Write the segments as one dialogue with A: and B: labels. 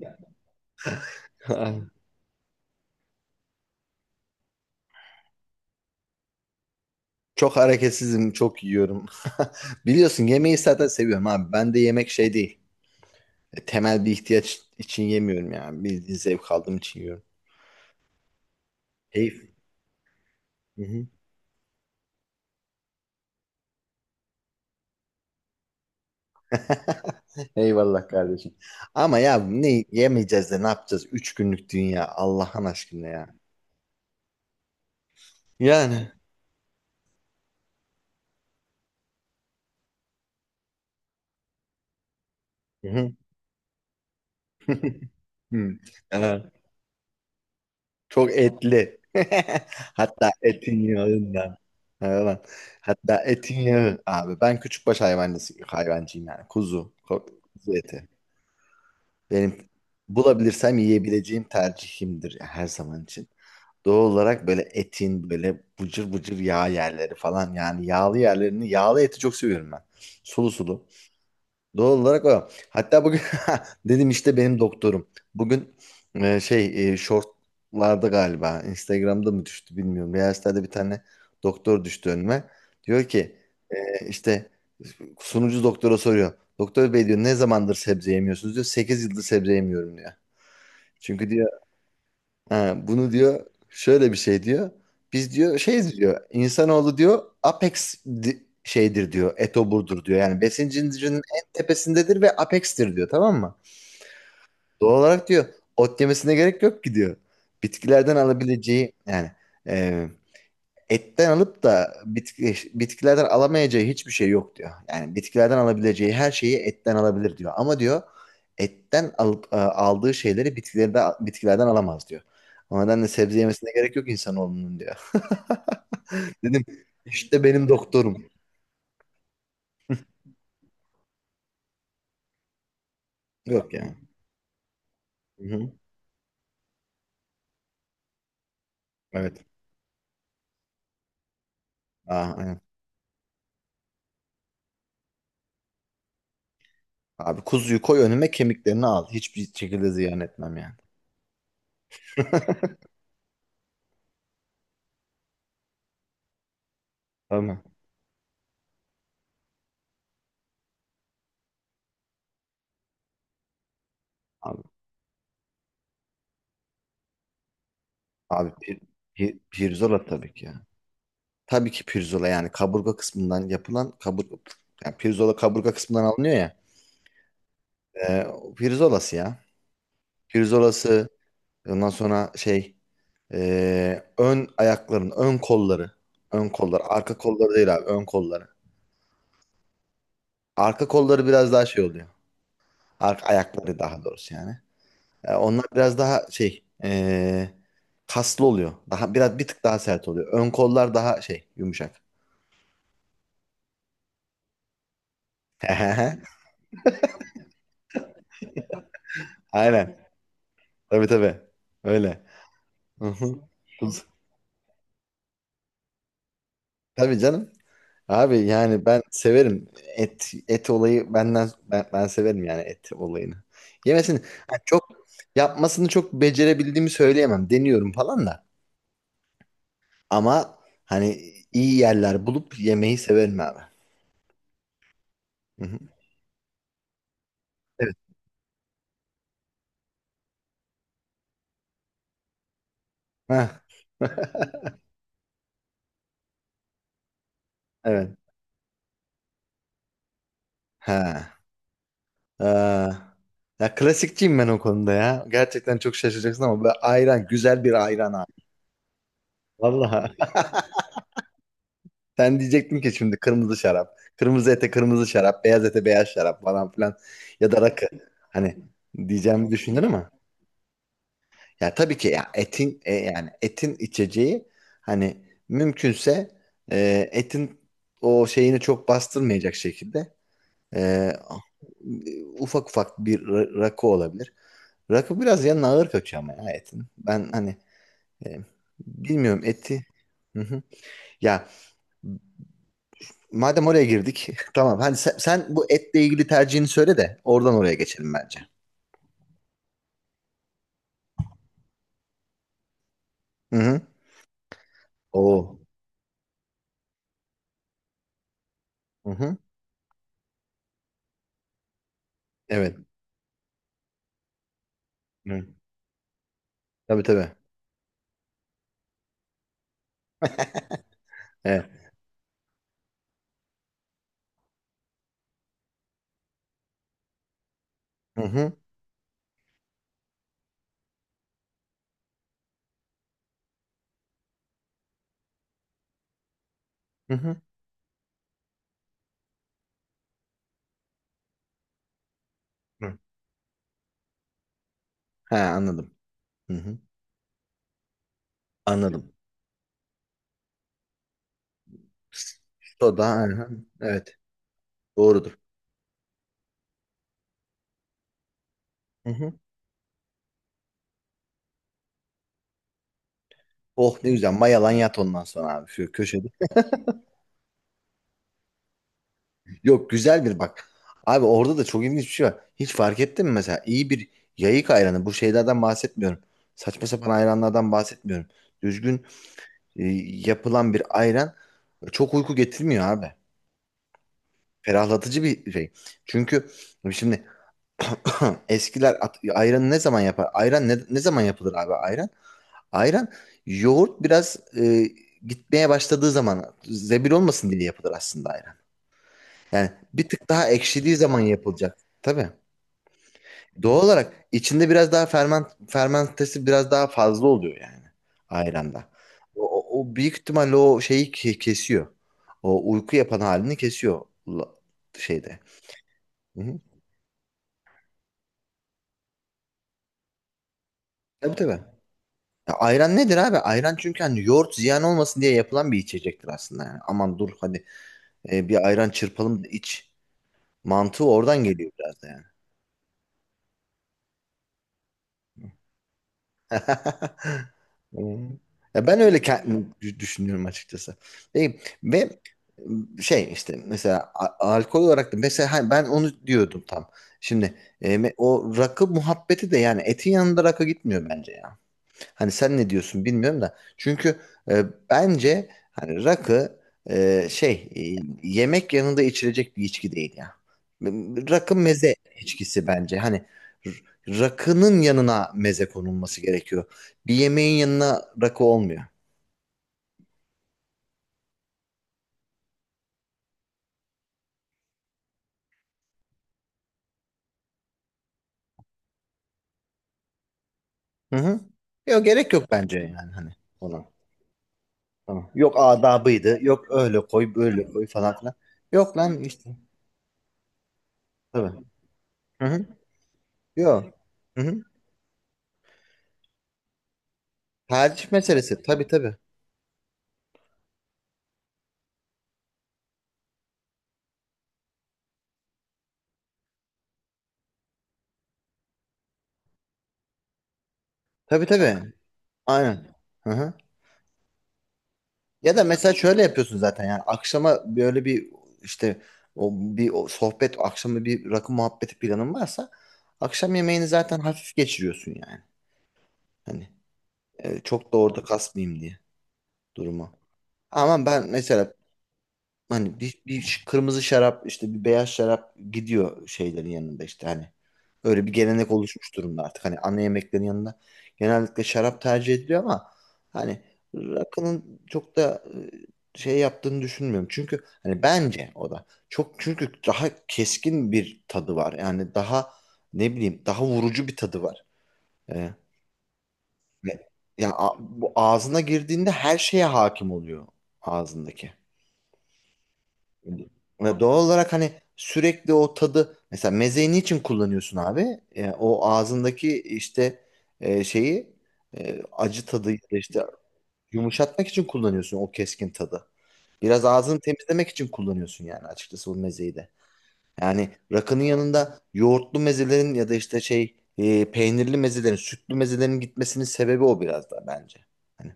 A: Ay, çok hareketsizim, çok yiyorum. Biliyorsun yemeği zaten seviyorum abi. Ben de yemek şey değil. E, temel bir ihtiyaç için yemiyorum yani. Bildiğin zevk aldığım için yiyorum. Keyif. Hı hı. Eyvallah kardeşim. Ama ya ne yemeyeceğiz de ne yapacağız? 3 günlük dünya Allah'ın aşkına ya. Yani. Hı hı. Hı. Evet. Çok etli. Hatta etin yağından. Hayvan. Hatta etin yağı. Abi ben küçükbaş hayvancısı, hayvancıyım yani. Kuzu. Kuzu eti. Benim bulabilirsem yiyebileceğim tercihimdir ya her zaman için. Doğal olarak böyle etin böyle bıcır bıcır yağ yerleri falan yani yağlı yerlerini yağlı eti çok seviyorum ben. Sulu sulu. Doğal olarak o. Hatta bugün dedim işte benim doktorum. Bugün shortlarda galiba Instagram'da mı düştü bilmiyorum. Reels'lerde bir tane doktor düştü önüme. Diyor ki işte sunucu doktora soruyor. Doktor bey diyor ne zamandır sebze yemiyorsunuz diyor. 8 yıldır sebze yemiyorum diyor. Çünkü diyor, ha, bunu diyor şöyle bir şey diyor. Biz diyor şeyiz diyor. İnsanoğlu diyor apex şeydir diyor. Etoburdur diyor. Yani besin zincirinin en tepesindedir ve apex'tir diyor, tamam mı? Doğal olarak diyor ot yemesine gerek yok ki diyor. Bitkilerden alabileceği yani e, etten alıp da bitkilerden alamayacağı hiçbir şey yok diyor. Yani bitkilerden alabileceği her şeyi etten alabilir diyor. Ama diyor etten alıp aldığı şeyleri bitkilerde, bitkilerden alamaz diyor. O nedenle sebze yemesine gerek yok insanoğlunun diyor. Dedim işte benim doktorum. Yok yani. Hı-hı. Evet. Aa, aynen. Abi kuzuyu koy önüme, kemiklerini al. Hiçbir şekilde ziyan etmem yani. Tamam. Abi, abi, pirzola tabii ki ya. Tabii ki pirzola yani kaburga kısmından yapılan kaburga yani pirzola kaburga kısmından alınıyor ya. O pirzolası ya. Pirzolası ondan sonra ön ayakların ön kolları. Ön kolları. Arka kolları değil abi, ön kolları. Arka kolları biraz daha şey oluyor. Arka ayakları daha doğrusu yani. Onlar biraz daha kaslı oluyor. Daha biraz bir tık daha sert oluyor. Ön kollar daha şey yumuşak. Aynen. Tabii tabii. Öyle. Hı hı. Kuz- Tabii canım. Abi yani ben severim, et et olayı benden, ben severim yani et olayını. Yemesini hani çok, yapmasını çok becerebildiğimi söyleyemem. Deniyorum falan da. Ama hani iyi yerler bulup yemeyi severim abi. Hı hı. Evet. Ha. Evet. Ha. Aa. Ya klasikçiyim ben o konuda ya. Gerçekten çok şaşıracaksın ama böyle ayran, güzel bir ayran abi. Vallahi. Sen diyecektin ki şimdi kırmızı şarap, kırmızı ete kırmızı şarap, beyaz ete beyaz şarap falan filan ya da rakı. Hani diyeceğimi düşündün ama ya tabii ki ya etin yani etin içeceği hani mümkünse etin o şeyini çok bastırmayacak şekilde e, ufak ufak bir rakı olabilir. Rakı biraz yanına ağır kaçıyor ama ya etin. Ben hani e, bilmiyorum eti. Hı hı. Ya madem oraya girdik, tamam. Hani sen bu etle ilgili tercihini söyle de oradan oraya geçelim bence. Hı hı. Oo. Hı hı. Evet. Hı. Tabii tabii. Evet. Hı hı. Hı hı. Hı. He, anladım. Hı hı. Anladım. Soda. Hı hı. Evet. Doğrudur. Hı hı. Oh, ne güzel. Mayalan yat ondan sonra abi şu köşede. Yok, güzel bir bak. Abi orada da çok ilginç bir şey var. Hiç fark ettin mi mesela? İyi bir yayık ayranı. Bu şeylerden bahsetmiyorum. Saçma sapan ayranlardan bahsetmiyorum. Düzgün e, yapılan bir ayran çok uyku getirmiyor abi. Ferahlatıcı bir şey. Çünkü şimdi eskiler ayranı ne zaman yapar? Ayran ne zaman yapılır abi ayran? Ayran yoğurt biraz gitmeye başladığı zaman zebil olmasın diye yapılır aslında ayran. Yani bir tık daha ekşidiği zaman yapılacak. Tabii. Doğal olarak içinde biraz daha fermentesi biraz daha fazla oluyor yani ayranda. O büyük ihtimalle o şeyi kesiyor. O uyku yapan halini kesiyor la- şeyde. Hı-hı. Tabii tabii. Ya ayran nedir abi? Ayran çünkü hani yoğurt ziyan olmasın diye yapılan bir içecektir aslında yani. Aman dur hadi bir ayran çırpalım da iç. Mantığı oradan geliyor biraz da yani. Hmm. Ya ben öyle kendim düşünüyorum açıkçası. Ve, ve şey işte mesela alkol olarak da mesela hani ben onu diyordum tam. Şimdi o rakı muhabbeti de yani etin yanında rakı gitmiyor bence. Hani sen ne diyorsun bilmiyorum da. Çünkü bence hani rakı e, şey e, yemek yanında içilecek bir içki değil ya. Rakı meze içkisi bence. Hani rakının yanına meze konulması gerekiyor. Bir yemeğin yanına rakı olmuyor. Hı hı. Yok, gerek yok bence yani hani ona. Tamam. Yok adabıydı. Yok öyle koy böyle koy falan filan. Yok lan işte. Tabii. Hı hı. Yok. Hı hı. Tercih meselesi. Tabii tabii. Tabii tabii. Aynen. Hı hı. Ya da mesela şöyle yapıyorsun zaten yani, akşama böyle bir işte o bir o sohbet, akşama bir rakı muhabbeti planın varsa akşam yemeğini zaten hafif geçiriyorsun yani. Hani çok da orada kasmayayım diye durumu. Ama ben mesela hani bir kırmızı şarap işte bir beyaz şarap gidiyor şeylerin yanında işte hani. Öyle bir gelenek oluşmuş durumda artık. Hani ana yemeklerin yanında genellikle şarap tercih ediliyor ama hani rakının çok da şey yaptığını düşünmüyorum. Çünkü hani bence o da çok, çünkü daha keskin bir tadı var. Yani daha ne bileyim daha vurucu bir tadı var. Ee, ve- Yani bu ağzına girdiğinde her şeye hakim oluyor ağzındaki. Ve doğal olarak hani sürekli o tadı, mesela mezeyi niçin kullanıyorsun abi? O ağzındaki işte şeyi, acı tadı ya da işte yumuşatmak için kullanıyorsun o keskin tadı. Biraz ağzını temizlemek için kullanıyorsun yani açıkçası bu mezeyi de. Yani rakının yanında yoğurtlu mezelerin ya da işte peynirli mezelerin, sütlü mezelerin gitmesinin sebebi o biraz da bence. Hani.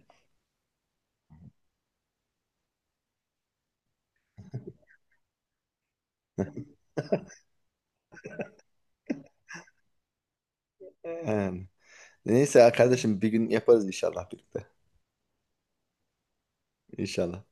A: Em, Neyse kardeşim bir gün yaparız inşallah birlikte. İnşallah.